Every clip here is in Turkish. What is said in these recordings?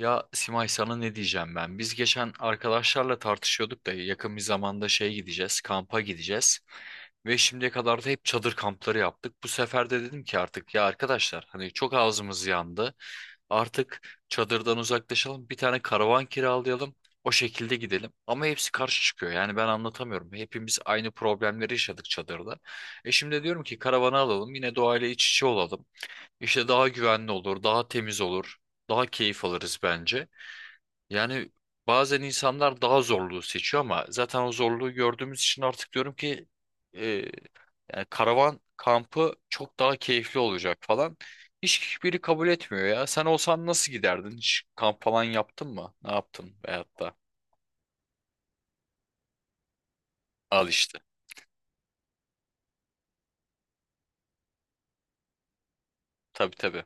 Ya Simay, sana ne diyeceğim ben? Biz geçen arkadaşlarla tartışıyorduk da yakın bir zamanda şeye gideceğiz, kampa gideceğiz. Ve şimdiye kadar da hep çadır kampları yaptık. Bu sefer de dedim ki artık ya arkadaşlar hani çok ağzımız yandı. Artık çadırdan uzaklaşalım, bir tane karavan kiralayalım. O şekilde gidelim. Ama hepsi karşı çıkıyor. Yani ben anlatamıyorum. Hepimiz aynı problemleri yaşadık çadırda. E şimdi diyorum ki karavanı alalım, yine doğayla iç içe olalım. İşte daha güvenli olur, daha temiz olur, daha keyif alırız bence. Yani bazen insanlar daha zorluğu seçiyor ama zaten o zorluğu gördüğümüz için artık diyorum ki e, yani karavan kampı çok daha keyifli olacak falan. Hiç biri kabul etmiyor ya. Sen olsan nasıl giderdin? Hiç kamp falan yaptın mı? Ne yaptın? Veyahut da al işte. Tabii, tabii.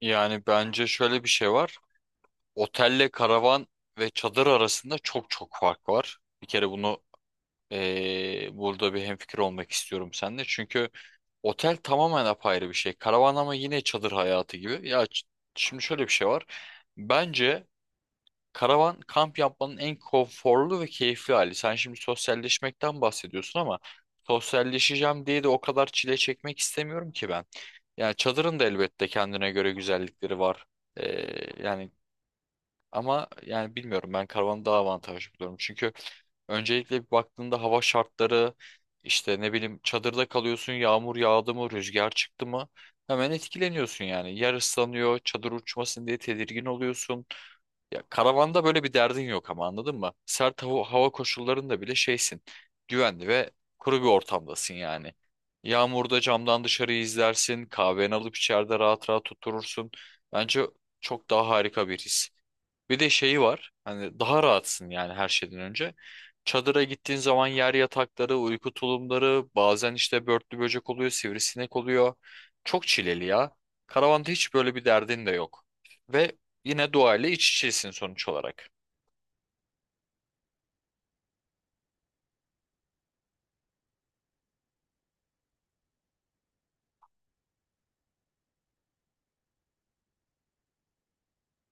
Yani bence şöyle bir şey var. Otelle karavan ve çadır arasında çok çok fark var. Bir kere bunu burada bir hemfikir olmak istiyorum seninle. Çünkü otel tamamen apayrı bir şey. Karavan ama yine çadır hayatı gibi. Şimdi şöyle bir şey var. Bence karavan kamp yapmanın en konforlu ve keyifli hali. Sen şimdi sosyalleşmekten bahsediyorsun ama sosyalleşeceğim diye de o kadar çile çekmek istemiyorum ki ben. Yani çadırın da elbette kendine göre güzellikleri var. Ee, yani ama yani bilmiyorum, ben karavanı daha avantajlı buluyorum. Çünkü öncelikle bir baktığında hava şartları işte ne bileyim çadırda kalıyorsun, yağmur yağdı mı, rüzgar çıktı mı hemen etkileniyorsun yani. Yer ıslanıyor, çadır uçmasın diye tedirgin oluyorsun. Ya karavanda böyle bir derdin yok, ama anladın mı? Sert hava koşullarında bile şeysin. Güvenli ve kuru bir ortamdasın yani. Yağmurda camdan dışarıyı izlersin. Kahveni alıp içeride rahat rahat oturursun. Bence çok daha harika bir his. Bir de şeyi var. Hani daha rahatsın yani her şeyden önce. Çadıra gittiğin zaman yer yatakları, uyku tulumları, bazen işte börtlü böcek oluyor, sivrisinek oluyor. Çok çileli ya. Karavanda hiç böyle bir derdin de yok. Ve yine doğayla iç içesin sonuç olarak.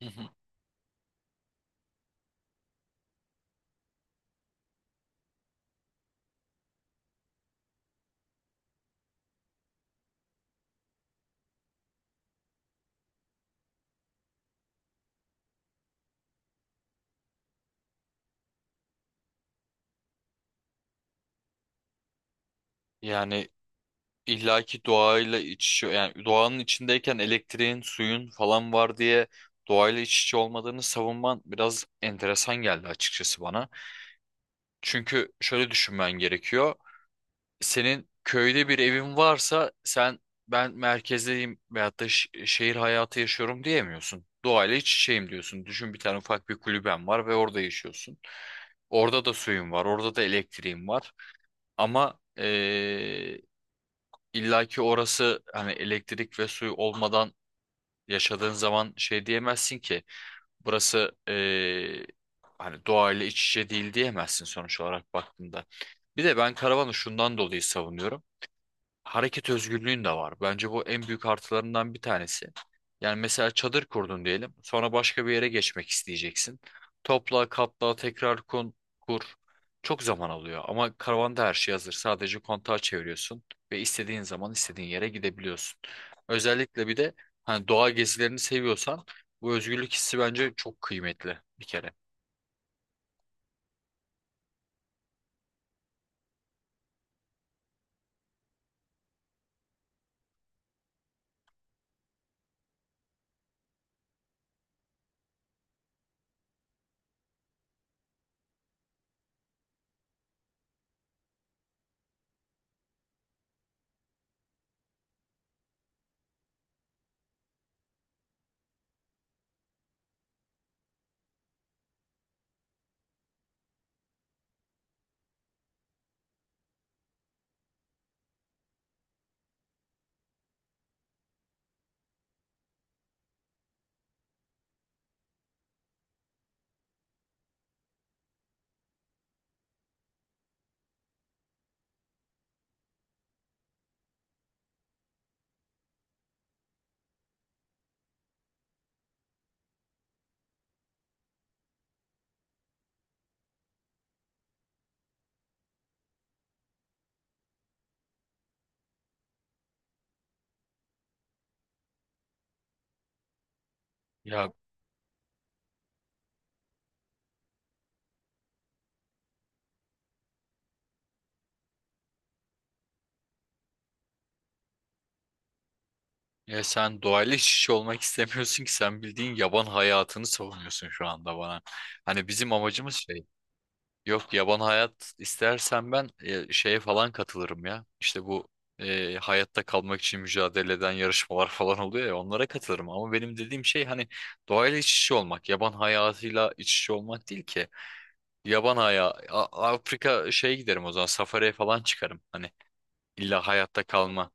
Hı hı. Yani illaki doğayla iç içe, yani doğanın içindeyken elektriğin, suyun falan var diye doğayla iç içe olmadığını savunman biraz enteresan geldi açıkçası bana. Çünkü şöyle düşünmen gerekiyor. Senin köyde bir evin varsa sen ben merkezdeyim veyahut da şehir hayatı yaşıyorum diyemiyorsun. Doğayla iç içeyim diyorsun. Düşün, bir tane ufak bir kulüben var ve orada yaşıyorsun. Orada da suyun var, orada da elektriğin var. Ama illaki orası hani elektrik ve suyu olmadan yaşadığın zaman şey diyemezsin ki, burası hani doğayla iç içe değil diyemezsin sonuç olarak baktığında. Bir de ben karavanı şundan dolayı savunuyorum, hareket özgürlüğün de var. Bence bu en büyük artılarından bir tanesi. Yani mesela çadır kurdun diyelim. Sonra başka bir yere geçmek isteyeceksin. Topla, katla, tekrar kur. Çok zaman alıyor ama karavanda her şey hazır. Sadece kontağı çeviriyorsun ve istediğin zaman istediğin yere gidebiliyorsun. Özellikle bir de hani doğa gezilerini seviyorsan bu özgürlük hissi bence çok kıymetli bir kere. Ya Ya, sen doğayla iç içe olmak istemiyorsun ki, sen bildiğin yaban hayatını savunuyorsun şu anda bana. Hani bizim amacımız şey. Yok, yaban hayat istersen ben şeye falan katılırım ya. İşte bu hayatta kalmak için mücadele eden yarışmalar falan oluyor ya, onlara katılırım. Ama benim dediğim şey hani doğayla iç içe olmak. Yaban hayatıyla iç içe olmak değil ki. Afrika şeye giderim o zaman, safariye falan çıkarım. Hani illa hayatta kalma.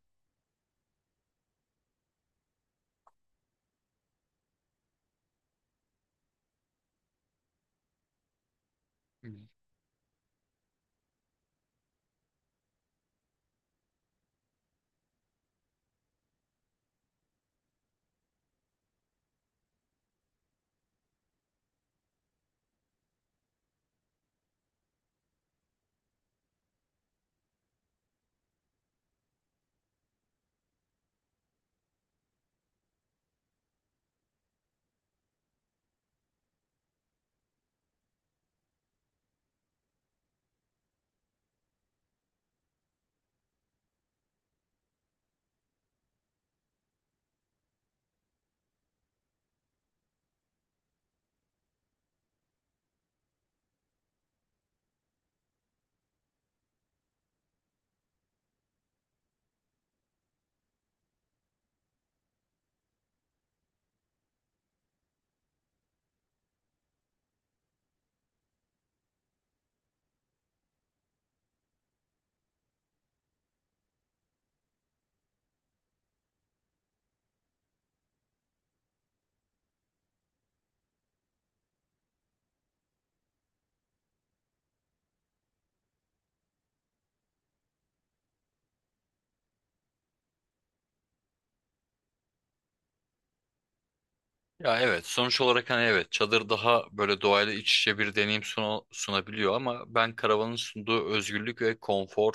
Ya evet, sonuç olarak hani evet çadır daha böyle doğayla iç içe bir deneyim sunabiliyor ama ben karavanın sunduğu özgürlük ve konfor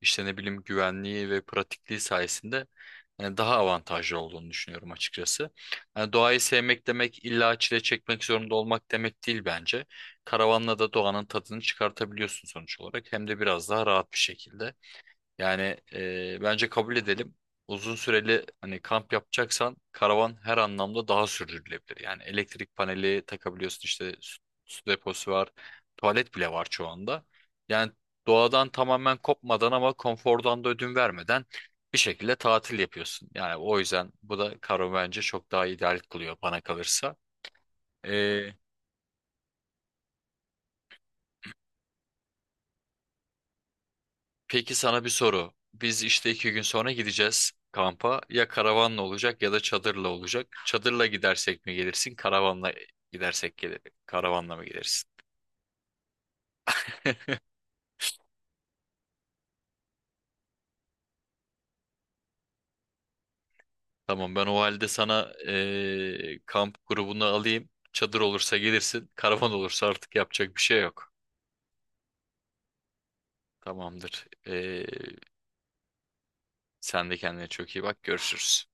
işte ne bileyim güvenliği ve pratikliği sayesinde yani daha avantajlı olduğunu düşünüyorum açıkçası. Yani doğayı sevmek demek illa çile çekmek zorunda olmak demek değil bence. Karavanla da doğanın tadını çıkartabiliyorsun sonuç olarak, hem de biraz daha rahat bir şekilde. Yani bence kabul edelim. Uzun süreli hani kamp yapacaksan karavan her anlamda daha sürdürülebilir. Yani elektrik paneli takabiliyorsun, işte su deposu var. Tuvalet bile var şu anda. Yani doğadan tamamen kopmadan ama konfordan da ödün vermeden bir şekilde tatil yapıyorsun. Yani o yüzden bu da karavan bence çok daha ideal kılıyor bana kalırsa. Peki sana bir soru. Biz işte iki gün sonra gideceğiz kampa. Ya karavanla olacak ya da çadırla olacak. Çadırla gidersek mi gelirsin? Karavanla gidersek gelir. Karavanla mı gelirsin? Tamam, ben o halde sana kamp grubunu alayım. Çadır olursa gelirsin. Karavan olursa artık yapacak bir şey yok. Tamamdır. Sen de kendine çok iyi bak. Görüşürüz.